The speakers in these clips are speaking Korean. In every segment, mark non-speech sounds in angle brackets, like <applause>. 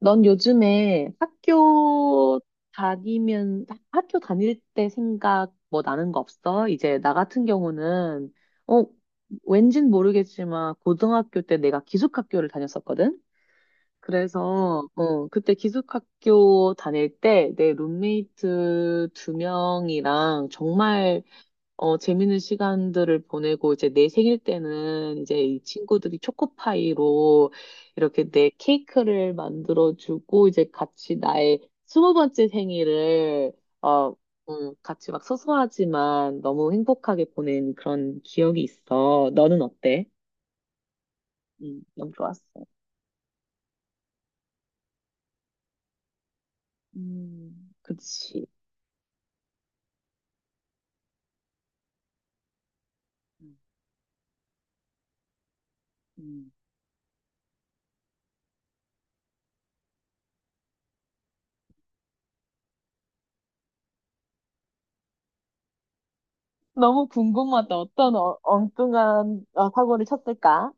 넌 요즘에 학교 학교 다닐 때 생각 뭐 나는 거 없어? 이제 나 같은 경우는 어, 왠진 모르겠지만, 고등학교 때 내가 기숙학교를 다녔었거든? 그래서 그때 기숙학교 다닐 때 내 룸메이트 두 명이랑 정말 재밌는 시간들을 보내고, 이제 내 생일 때는 이제 이 친구들이 초코파이로 이렇게 내 케이크를 만들어주고, 이제 같이 나의 20번째 생일을 어, 같이 막 소소하지만 너무 행복하게 보낸 그런 기억이 있어. 너는 어때? 너무 좋았어. 그치. 음. 음. 너무 궁금하다. 어떤 엉뚱한 사고를 쳤을까?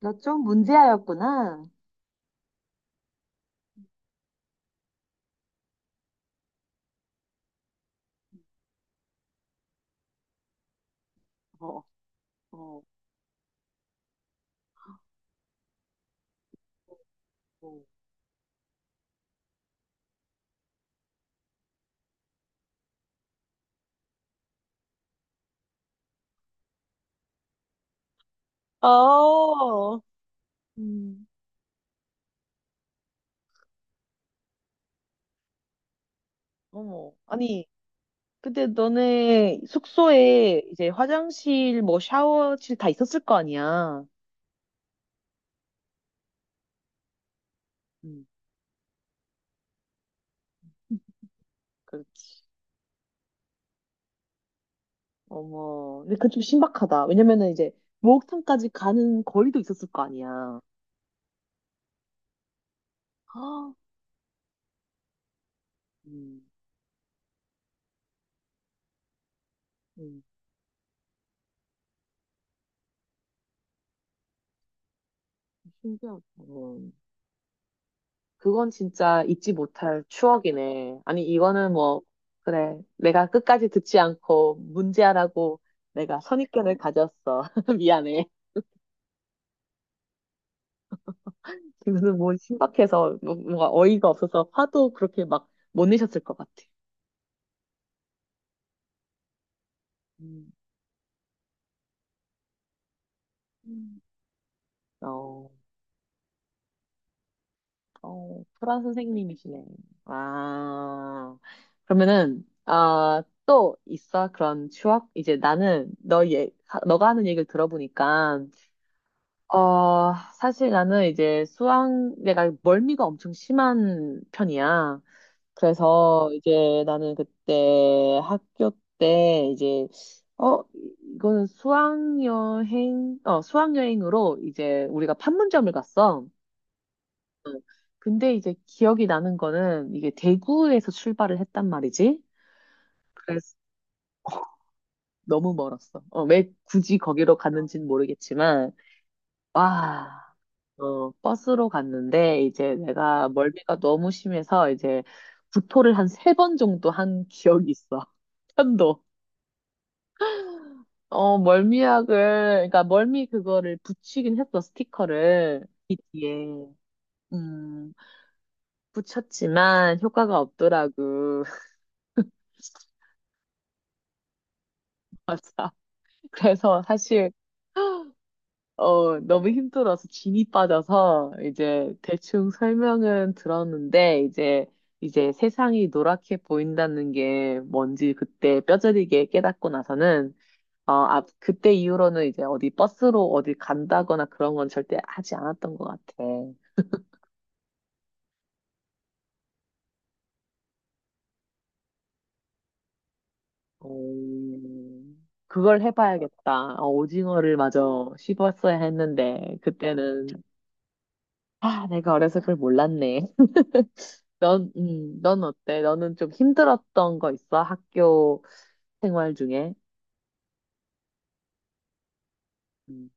너 좀 문제아였구나. 어. 어. 어. 아. 음. 어머. 아니, 근데 너네 숙소에 이제 화장실, 뭐 샤워실 다 있었을 거 아니야. 음, 그렇지. 어머. 근데 그건 좀 신박하다. 왜냐면은 이제 목욕탕까지 가는 거리도 있었을 거 아니야. 아. 음. 음. 신기하다. 그건 진짜 잊지 못할 추억이네. 아니, 이거는 뭐, 그래. 내가 끝까지 듣지 않고 문제하라고 내가 선입견을 가졌어. <laughs> 미안해. 지금은 뭐 신박해서 뭔가 어이가 없어서 화도 그렇게 막 못 내셨을 것 같아. 음. 음. 어. 어, 프란 선생님이시네. 아, 그러면은, 아, 또 있어? 그런 추억? 이제 나는 너가 하는 얘기를 들어보니까 사실 나는 이제 내가 멀미가 엄청 심한 편이야. 그래서 이제 나는 그때 학교 때 이제, 어, 이거는 수학여행으로 이제 우리가 판문점을 갔어. 응. 근데 이제 기억이 나는 거는 이게 대구에서 출발을 했단 말이지. 그래서 너무 멀었어. 왜 굳이 거기로 갔는지는 모르겠지만, 와. 버스로 갔는데 이제 내가 멀미가 너무 심해서 이제 구토를 한 3번 정도 한 기억이 있어. <laughs> 편도. 어, 멀미약을, 그러니까 멀미 그거를 붙이긴 했어, 스티커를. 귀 뒤에. 음, 붙였지만 효과가 없더라고. <laughs> 맞아. 그래서 사실 너무 힘들어서 진이 빠져서 이제 대충 설명은 들었는데 이제 세상이 노랗게 보인다는 게 뭔지 그때 뼈저리게 깨닫고 나서는 어, 그때 이후로는 이제 어디 버스로 어디 간다거나 그런 건 절대 하지 않았던 것 같아. 그걸 해봐야겠다. 오징어를 마저 씹었어야 했는데 그때는 아, 내가 어려서 그걸 몰랐네. 넌 어때? 너는 좀 힘들었던 거 있어? 학교 생활 중에? 음.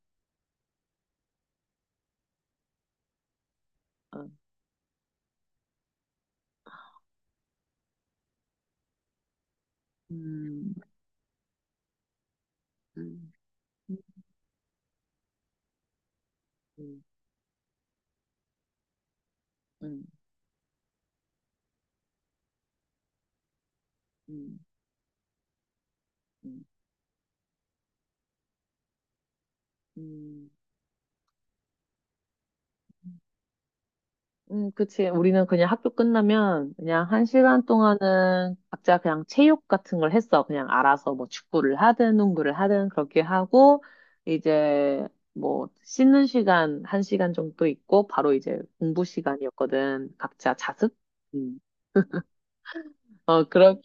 어. 음. 음. 음. 음. 음. 음. 음. 그치. 우리는 그냥 학교 끝나면 그냥 1시간 동안은 각자 그냥 체육 같은 걸 했어. 그냥 알아서 뭐 축구를 하든 농구를 하든 그렇게 하고 이제 뭐 씻는 시간 1시간 정도 있고 바로 이제 공부 시간이었거든. 각자 자습? 음. 어, 그렇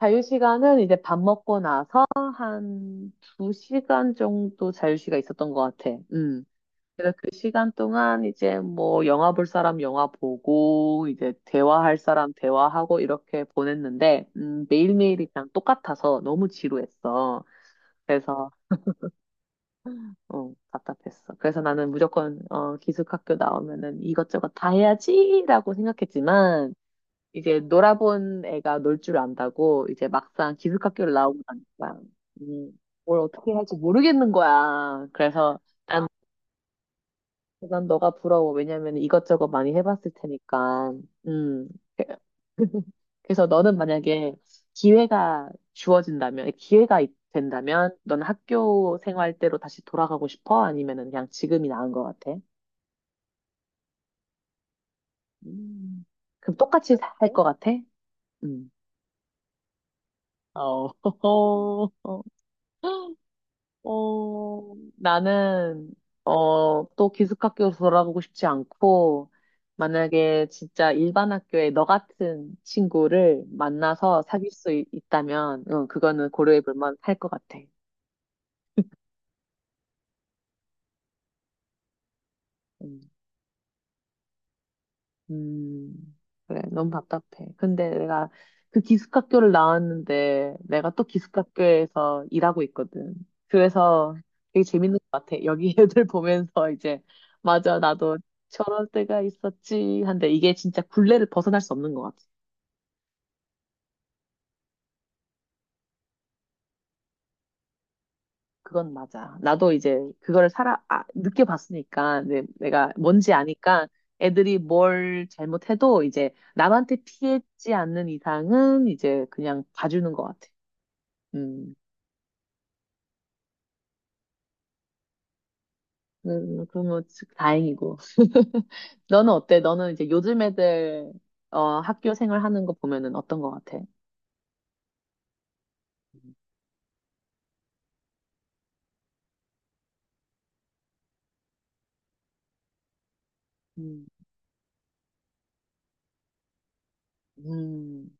자유시간은 이제 밥 먹고 나서 한 두 시간 정도 자유시간 있었던 것 같아. 음. 그래서 그 시간 동안 이제 뭐 영화 볼 사람 영화 보고 이제 대화할 사람 대화하고 이렇게 보냈는데 매일매일이 그냥 똑같아서 너무 지루했어. 그래서 답답했어. 그래서 나는 무조건 기숙학교 나오면은 이것저것 다 해야지라고 생각했지만 이제 놀아본 애가 놀 줄 안다고 이제 막상 기숙학교를 나오고 나니까 음, 뭘 어떻게 할지 모르겠는 거야. 그래서 난, 난 너가 부러워. 왜냐면 이것저것 많이 해봤을 테니까. 음. 그- <laughs> 그래서 너는 만약에 기회가 주어진다면, 된다면, 넌 학교 생활대로 다시 돌아가고 싶어? 아니면은 그냥 지금이 나은 것 같아? 음. 그럼 똑같이 살 네? 것 같아? 음. 어. <laughs> 어, 나는, 또 기숙학교로 돌아가고 싶지 않고, 만약에 진짜 일반 학교에 너 같은 친구를 만나서 사귈 수 있, 다면 응, 그거는 고려해 볼 만할 것 같아. 음. 음, 그래, 너무 답답해. 근데 내가 그 기숙학교를 나왔는데 내가 또 기숙학교에서 일하고 있거든. 그래서 되게 재밌는 것 같아. 여기 애들 <laughs> 보면서 이제, 맞아, 나도 저럴 때가 있었지. 한데 이게 진짜 굴레를 벗어날 수 없는 것 같아. 그건 맞아. 나도 이제 그거를 느껴봤으니까, 내가 뭔지 아니까 애들이 뭘 잘못해도 이제 남한테 피해지 않는 이상은 이제 그냥 봐주는 것 같아. 음. 그러면 다행이고. <laughs> 너는 어때? 너는 이제 요즘 애들 학교 생활 하는 거 보면은 어떤 거 같아? 음. 음.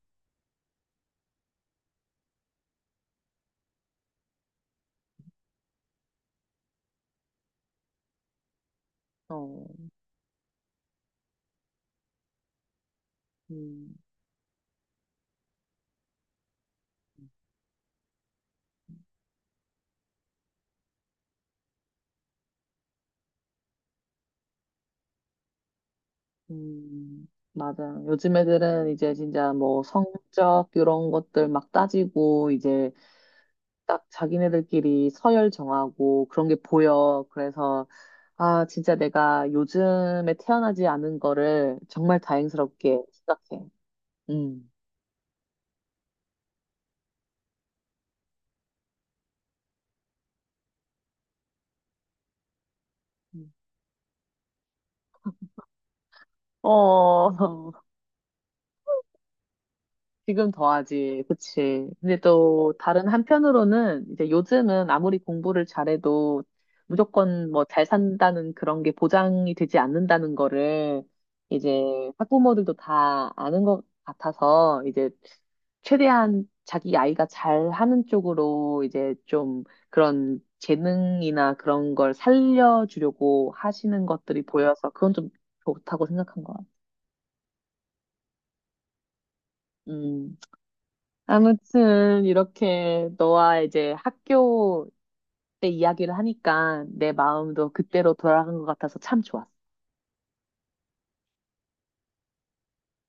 어. 음. 음. 맞아. 요즘 애들은 이제 진짜 뭐 성적 이런 것들 막 따지고 이제 딱 자기네들끼리 서열 정하고 그런 게 보여. 그래서 아, 진짜 내가 요즘에 태어나지 않은 거를 정말 다행스럽게 생각해. 음. 어. <laughs> 지금 더하지. 그치. 근데 또 다른 한편으로는 이제 요즘은 아무리 공부를 잘해도 무조건 뭐 잘 산다는 그런 게 보장이 되지 않는다는 거를 이제 학부모들도 다 아는 것 같아서 이제 최대한 자기 아이가 잘하는 쪽으로 이제 좀 그런 재능이나 그런 걸 살려주려고 하시는 것들이 보여서 그건 좀 좋다고 생각한 것 같아요. 아무튼 이렇게 너와 이제 학교 때 이야기를 하니까 내 마음도 그때로 돌아간 것 같아서 참 좋았어.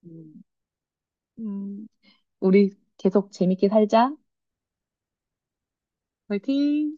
음. 음. 우리 계속 재밌게 살자. 화이팅!